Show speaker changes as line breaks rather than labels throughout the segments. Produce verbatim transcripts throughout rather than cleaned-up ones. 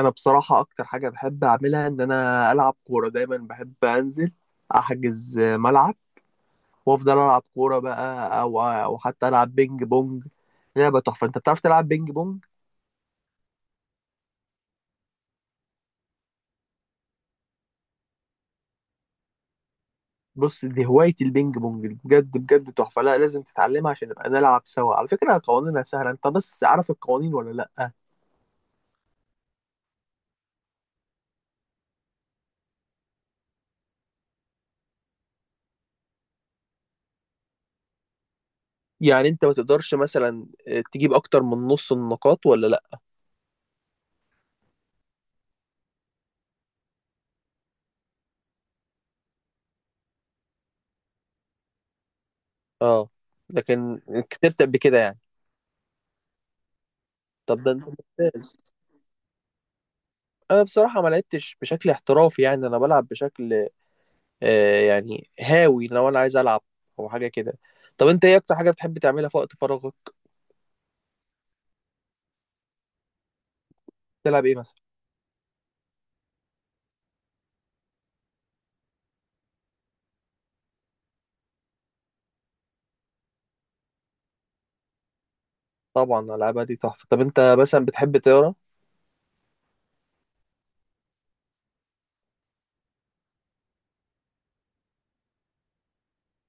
انا بصراحه اكتر حاجه بحب اعملها ان انا العب كوره، دايما بحب انزل احجز ملعب وافضل العب كوره بقى او او حتى العب بينج بونج. لعبه تحفه. انت بتعرف تلعب بينج بونج؟ بص، دي هوايه البينج بونج دي بجد بجد تحفه. لا، لازم تتعلمها عشان نبقى نلعب سوا. على فكره قوانينها سهله. انت بس عارف القوانين ولا لا؟ يعني انت ما تقدرش مثلا آه، تجيب اكتر من نص النقاط ولا لا؟ اه. لكن. كتبت قبل كده يعني. طب ده انت. ممتاز. انا بصراحه ما لعبتش بشكل احترافي، يعني انا بلعب بشكل آه يعني هاوي، لو انا عايز العب او حاجه كده. طب انت ايه اكتر حاجه بتحب تعملها في وقت فراغك؟ تلعب ايه مثلا؟ طبعا العابها دي تحفه. طب انت مثلا بتحب تقرا؟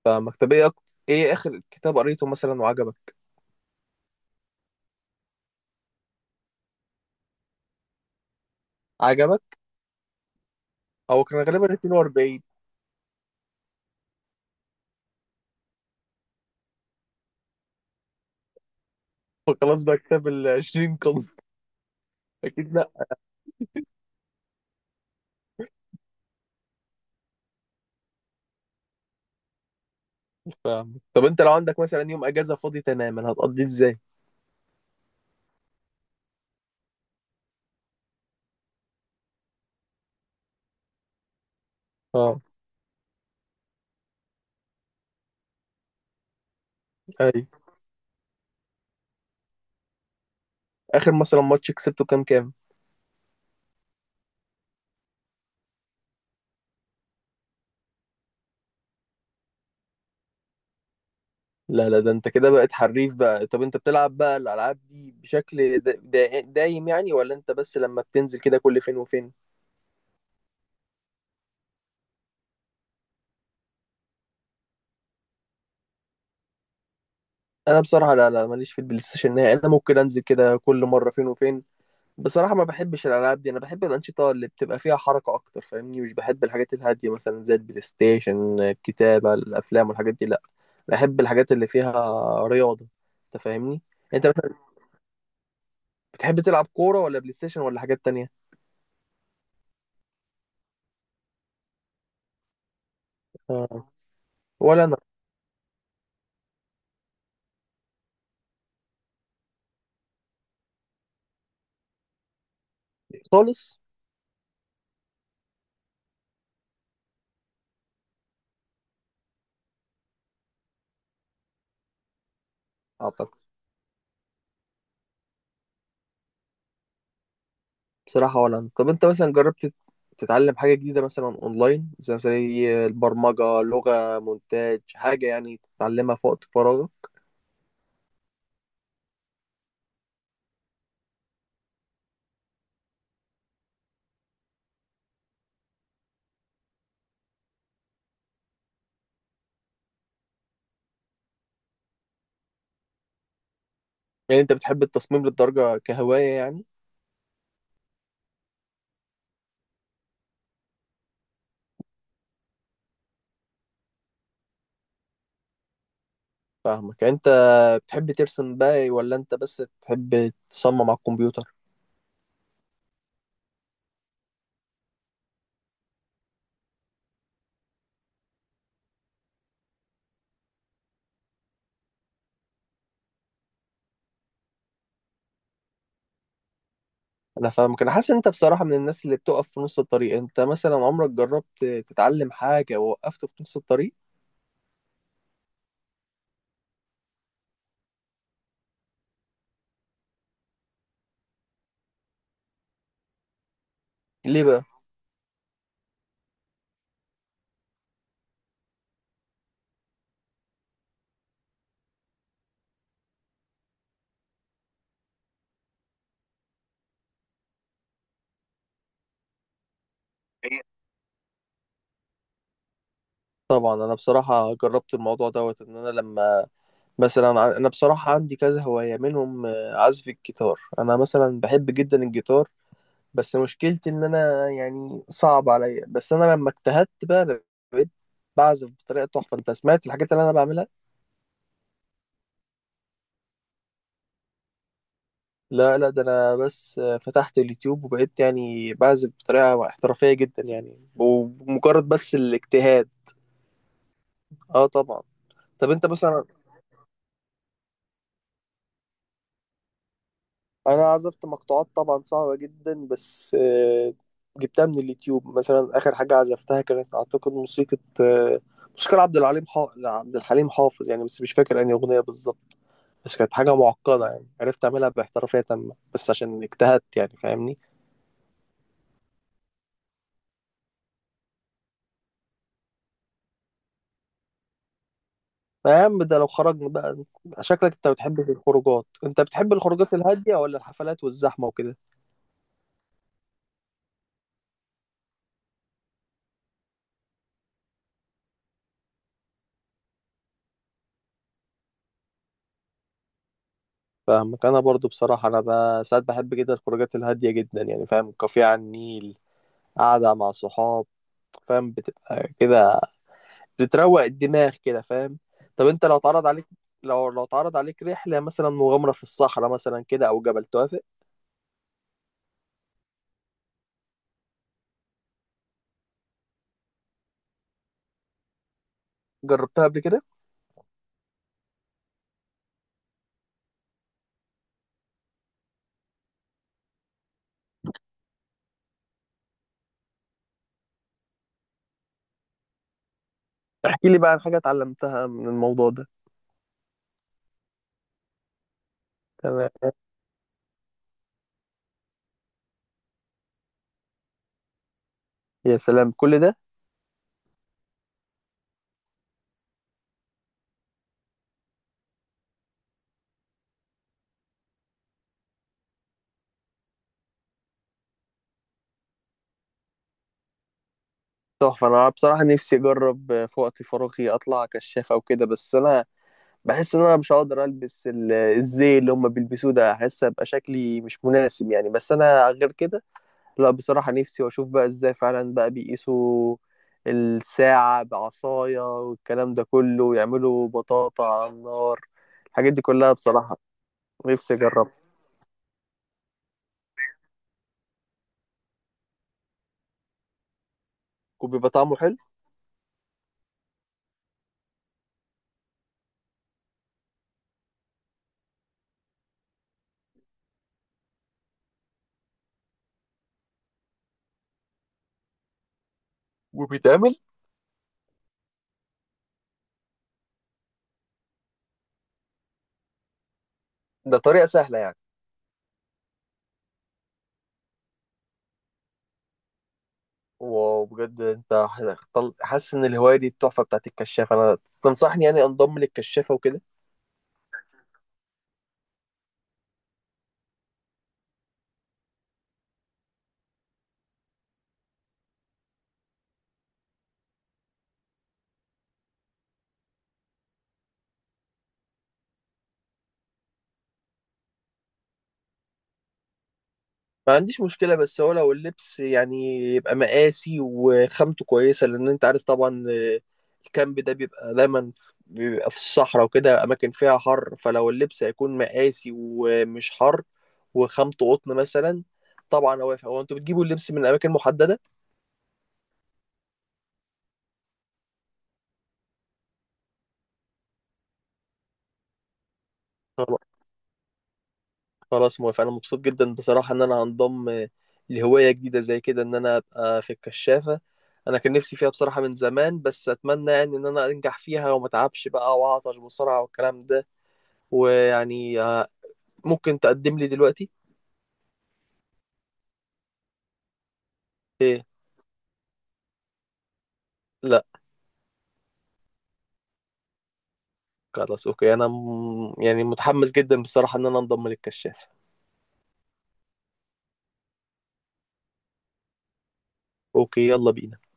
فمكتبيه اكتر. ايه اخر كتاب قريته مثلا وعجبك؟ عجبك؟ او كان غالبا اتنين واربعين. خلاص بقى، كتاب ال العشرين قلب. اكيد لا. طب انت لو عندك مثلا يوم اجازه فاضي تماما هتقضيه ازاي؟ اه. اي. اخر مثلا ماتش كسبته كام كام؟ لا لا، ده انت كده بقيت حريف بقى. طب انت بتلعب بقى الالعاب دي بشكل دا دا دايم يعني، ولا انت بس لما بتنزل كده كل فين وفين؟ انا بصراحه لا لا، ماليش في البلاي ستيشن نهائي. انا ممكن انزل كده كل مره فين وفين. بصراحه ما بحبش الالعاب دي. انا بحب الانشطه اللي بتبقى فيها حركه اكتر، فاهمني، مش بحب الحاجات الهاديه مثلا زي البلاي ستيشن، الكتابه، الافلام والحاجات دي. لا. بحب الحاجات اللي فيها رياضه. انت فاهمني؟ انت مثلا. بتحب تلعب كوره ولا بلاي ستيشن ولا حاجات تانية؟ آه. ولا انا. خالص. اعتقد. بصراحة ولا أنا. طب أنت مثلا جربت تتعلم حاجة جديدة مثلا أونلاين، زي زي البرمجة، لغة مونتاج، حاجة يعني تتعلمها في وقت فراغك؟ يعني أنت بتحب التصميم للدرجة كهواية يعني؟ فاهمك. يعني أنت بتحب ترسم بقى ولا أنت بس بتحب تصمم على الكمبيوتر؟ أنا فاهمك. أنا حاسس إن أنت بصراحة من الناس اللي بتقف في نص الطريق. أنت مثلا عمرك جربت تتعلم حاجة ووقفت في نص الطريق؟ ليه بقى؟ طبعا انا بصراحه جربت الموضوع دوت ان انا لما مثلا ع- انا بصراحه عندي كذا هوايه منهم، آه، عزف الجيتار. انا مثلا بحب جدا الجيتار، بس مشكلتي ان انا يعني صعب عليا. بس انا لما اجتهدت بقى بقيت بعزف بطريقه تحفه. انت سمعت الحاجات اللي انا بعملها؟ لا لا، ده انا بس آه، فتحت اليوتيوب وبقيت يعني بعزف بطريقه احترافيه جدا يعني، ومجرد بس الاجتهاد. اه طبعا. طب انت مثلا. انا عزفت مقطوعات طبعا صعبة جدا، بس آه، جبتها من اليوتيوب. مثلا اخر حاجة عزفتها كانت اعتقد موسيقى آه، موسيقى عبد العليم حا... عبد الحليم حافظ يعني، بس مش فاكر انهي اغنية بالظبط. بس كانت حاجة معقدة يعني، عرفت اعملها باحترافية تامة بس عشان اجتهدت يعني. فاهمني؟ ما يا عم، ده لو خرجنا بقى. شكلك انت بتحب الخروجات. انت بتحب الخروجات الهادية ولا الحفلات والزحمة وكده؟ فاهمك. انا برضو بصراحة انا ب... ساعات بحب جدا الخروجات الهادية جدا يعني، فاهم؟ كافيه على النيل، قاعدة مع صحاب، فاهم؟ بتبقى كده، بتروق الدماغ كده، فاهم؟ طب انت لو اتعرض عليك. لو لو اتعرض عليك رحلة مثلا مغامرة في الصحراء مثلا كده او جبل، توافق؟ جربتها قبل كده؟ احكي لي بقى عن حاجة اتعلمتها من الموضوع ده. تمام. يا سلام كل ده! تحفة. انا بصراحة نفسي اجرب في وقت فراغي اطلع كشاف او كده. بس انا بحس ان انا مش هقدر البس ال- الزي اللي هم بيلبسوه ده، احس ابقى شكلي مش مناسب يعني، بس انا غير كده. لا، بصراحة نفسي. واشوف بقى ازاي فعلا بقى بيقيسوا الساعة بعصاية والكلام ده كله ويعملوا بطاطا على النار. الحاجات دي كلها بصراحة. نفسي اجربها. وبيبقى طعمه حلو؟ وبيتعمل. ده طريقة سهلة يعني؟ وبجد، انت هتختل- حاسس ان الهواية دي التحفة بتاعت الكشافة. انا تنصحني يعني انضم للكشافة وكده؟ ما عنديش مشكلة، بس هو لو اللبس يعني يبقى مقاسي وخامته كويسة، لأن أنت عارف طبعا، آه، الكامب ده بيبقى دايما بيبقى في الصحراء وكده أماكن فيها حر، فلو اللبس هيكون مقاسي ومش حر وخامته قطن مثلا. طبعا، هو هو أنتوا بتجيبوا اللبس من أماكن محددة؟ خلاص موافق، انا مبسوط جدا بصراحه ان انا هنضم لهوايه جديده زي كده ان انا ابقى في الكشافه. انا كان نفسي فيها بصراحه من زمان، بس اتمنى يعني ان انا انجح فيها وما اتعبش بقى واعطش بسرعه والكلام ده. ويعني آه، ممكن تقدم لي دلوقتي؟ ايه. لا. خلاص اوكي، انا م- يعني متحمس جدا بصراحه ان انا انضم للكشافه. اوكي، يلا بينا.